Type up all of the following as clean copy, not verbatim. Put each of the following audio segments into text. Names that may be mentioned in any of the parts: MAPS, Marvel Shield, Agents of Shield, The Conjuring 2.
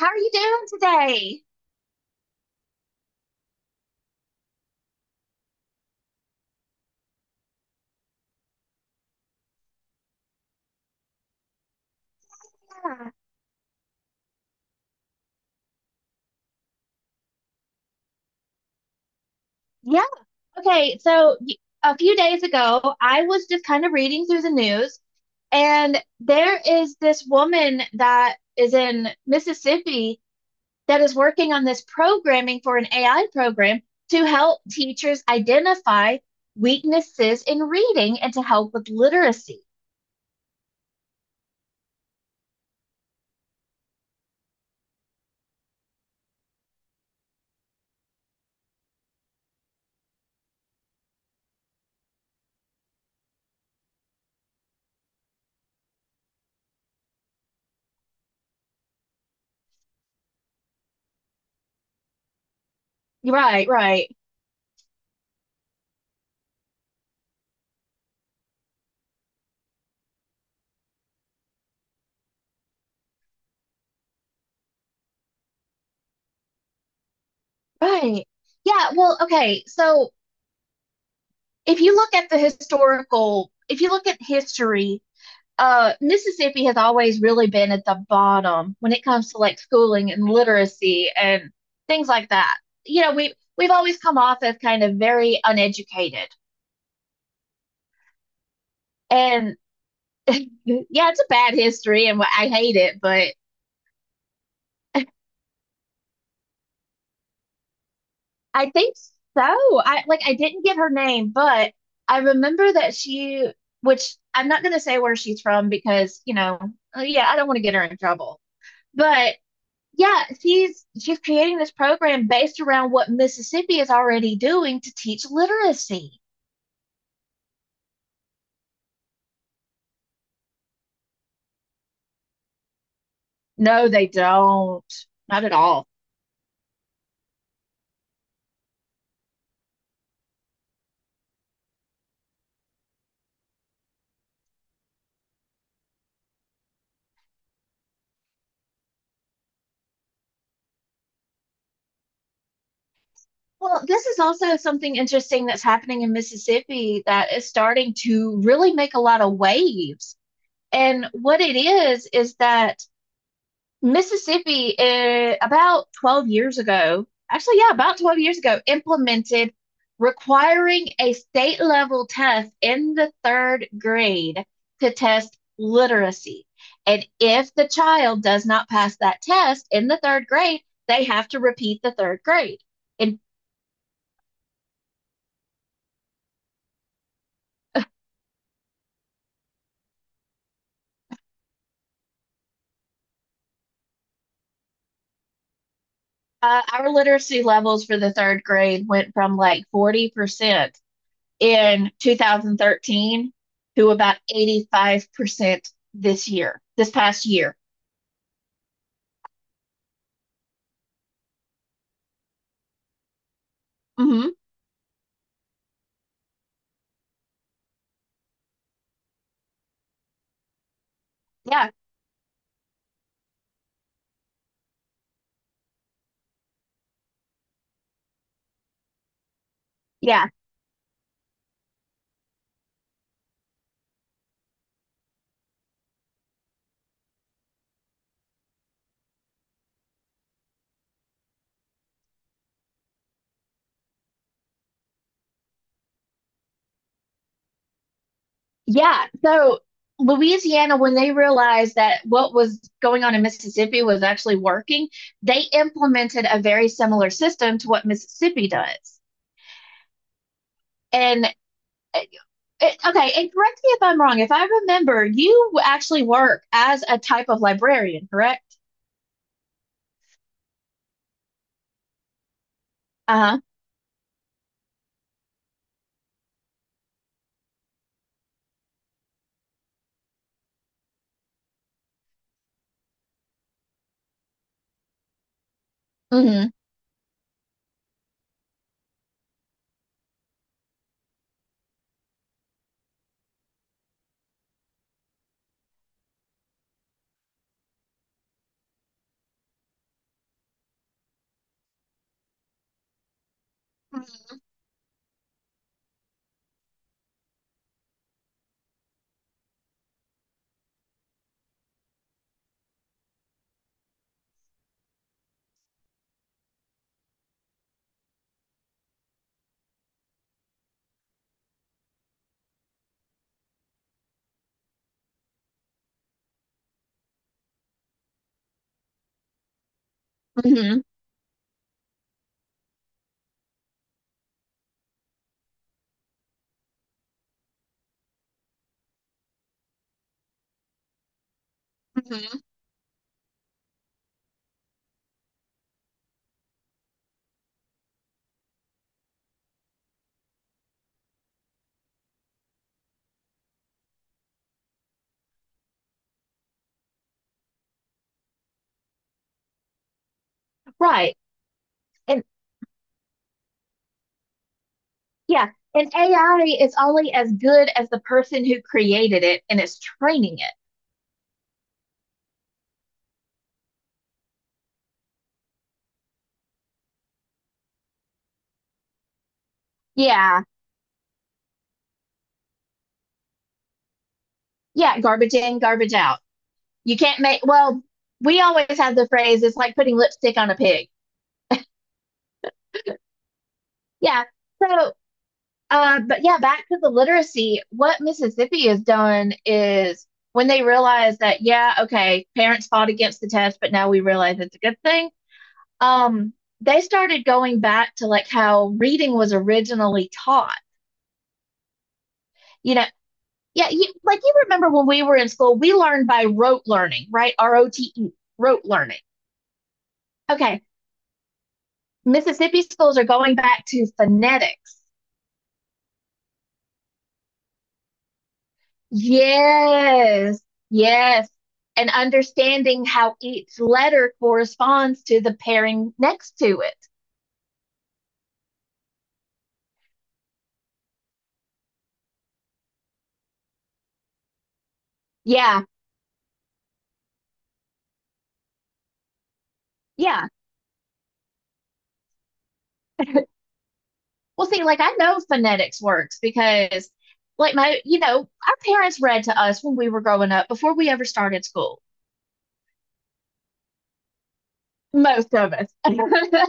How are you doing today? Yeah. Yeah. Okay. So a few days ago, I was just kind of reading through the news, and there is this woman that is in Mississippi that is working on this programming for an AI program to help teachers identify weaknesses in reading and to help with literacy. Right, right, right. Yeah. Well, okay. So if you look at the historical, if you look at history, Mississippi has always really been at the bottom when it comes to like schooling and literacy and things like that. You know, we've always come off as kind of very uneducated. And yeah, it's a bad history and I hate it, but I think so. I didn't get her name, but I remember that she, which I'm not going to say where she's from because, you know, yeah, I don't want to get her in trouble. But yeah, she's creating this program based around what Mississippi is already doing to teach literacy. No, they don't. Not at all. Well, this is also something interesting that's happening in Mississippi that is starting to really make a lot of waves. And what it is that Mississippi, about 12 years ago, actually, yeah, about 12 years ago, implemented requiring a state level test in the third grade to test literacy. And if the child does not pass that test in the third grade, they have to repeat the third grade. And our literacy levels for the third grade went from like 40% in 2013 to about 85% this year, this past year. Hmm. Yeah, yeah, yeah. So Louisiana, when they realized that what was going on in Mississippi was actually working, they implemented a very similar system to what Mississippi does. And uh, okay, and correct me if I'm wrong. If I remember, you actually work as a type of librarian, correct? Uh-huh. Hmm. Hmm. Hmm. Right. And yeah, and AI is only as good as the person who created it and is training it. Yeah, yeah, garbage in, garbage out. You can't make, well, we always have the phrase, it's like putting lipstick on a pig. Yeah, so, but yeah, back to the literacy, what Mississippi has done is when they realize that, yeah, okay, parents fought against the test, but now we realize it's a good thing. Um, they started going back to like how reading was originally taught, you know. Yeah, you, like, you remember when we were in school, we learned by rote learning, right? rote, rote learning. Okay, Mississippi schools are going back to phonetics. Yes, yes. And understanding how each letter corresponds to the pairing next to it. Yeah, yeah. Well, see, like I know phonetics works because, like, my, you know, our parents read to us when we were growing up before we ever started school. Most of us.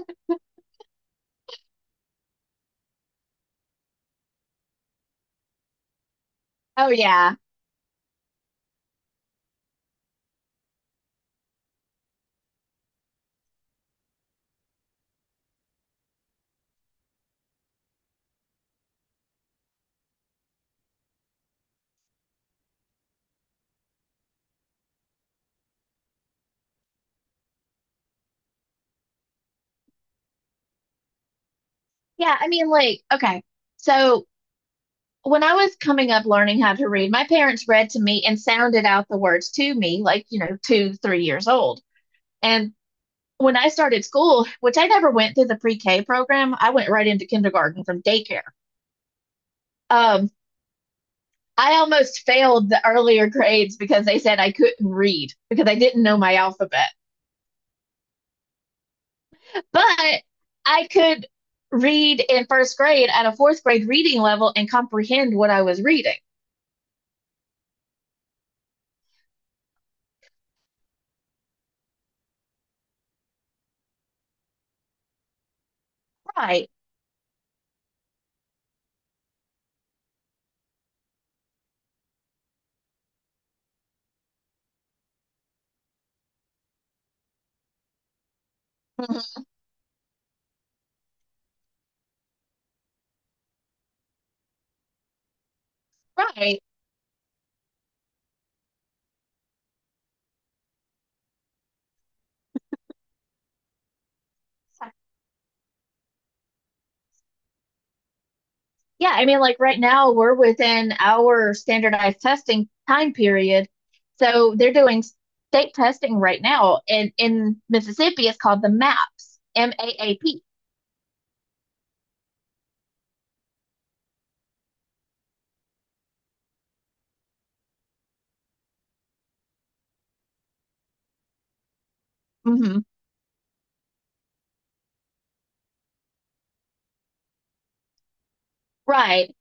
Oh, yeah. Yeah, I mean, like, okay. So when I was coming up learning how to read, my parents read to me and sounded out the words to me, like, you know, two, 3 years old. And when I started school, which I never went through the pre-K program, I went right into kindergarten from daycare. Um, I almost failed the earlier grades because they said I couldn't read because I didn't know my alphabet. But I could read in first grade at a fourth grade reading level and comprehend what I was reading. Right. Mhm. Right. Yeah, I mean, like right now we're within our standardized testing time period. So they're doing state testing right now. And in Mississippi, it's called the MAPS, MAAP. Mm-hmm. Right.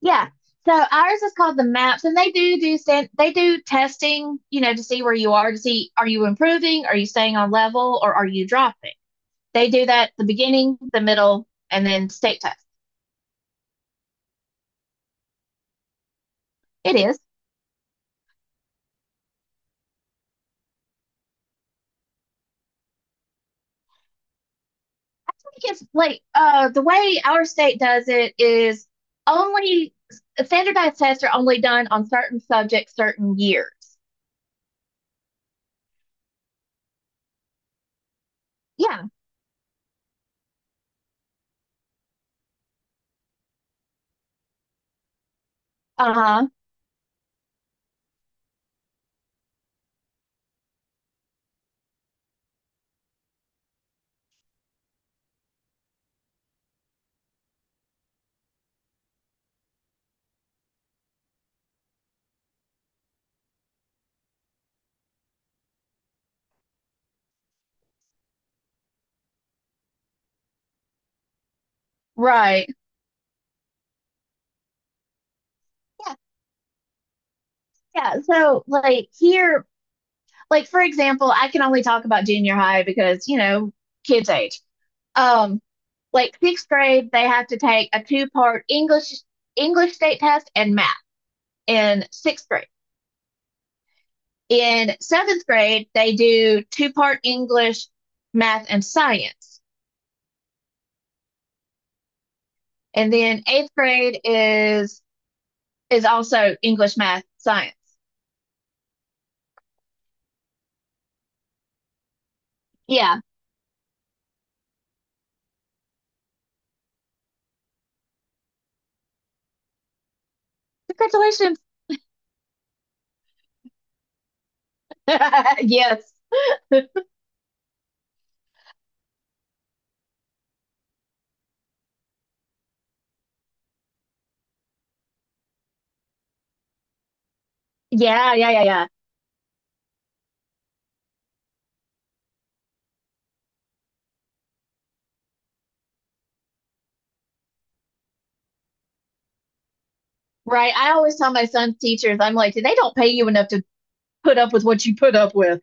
Yeah. So ours is called the MAPS, and they do testing, you know, to see where you are, to see are you improving, are you staying on level, or are you dropping. They do that at the beginning, the middle, and then state test. It is. Think it's like the way our state does it is only standardized tests are only done on certain subjects, certain years. Yeah. Uh-huh. Right. Yeah. Yeah. So like here, like for example, I can only talk about junior high because, you know, kids age. Um, like sixth grade, they have to take a two-part English state test and math in sixth grade. In seventh grade, they do two-part English, math, and science. And then eighth grade is also English, math, science. Yeah. Congratulations. Yes. Yeah, yeah, yeah, yeah. Right. I always tell my son's teachers, I'm like, they don't pay you enough to put up with what you put up with.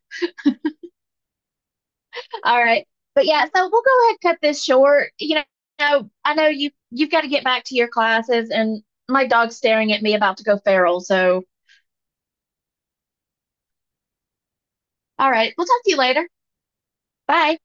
All right. But yeah, so we'll go ahead and cut this short. You I know you've got to get back to your classes and my dog's staring at me about to go feral. So, all right. We'll talk to you later. Bye.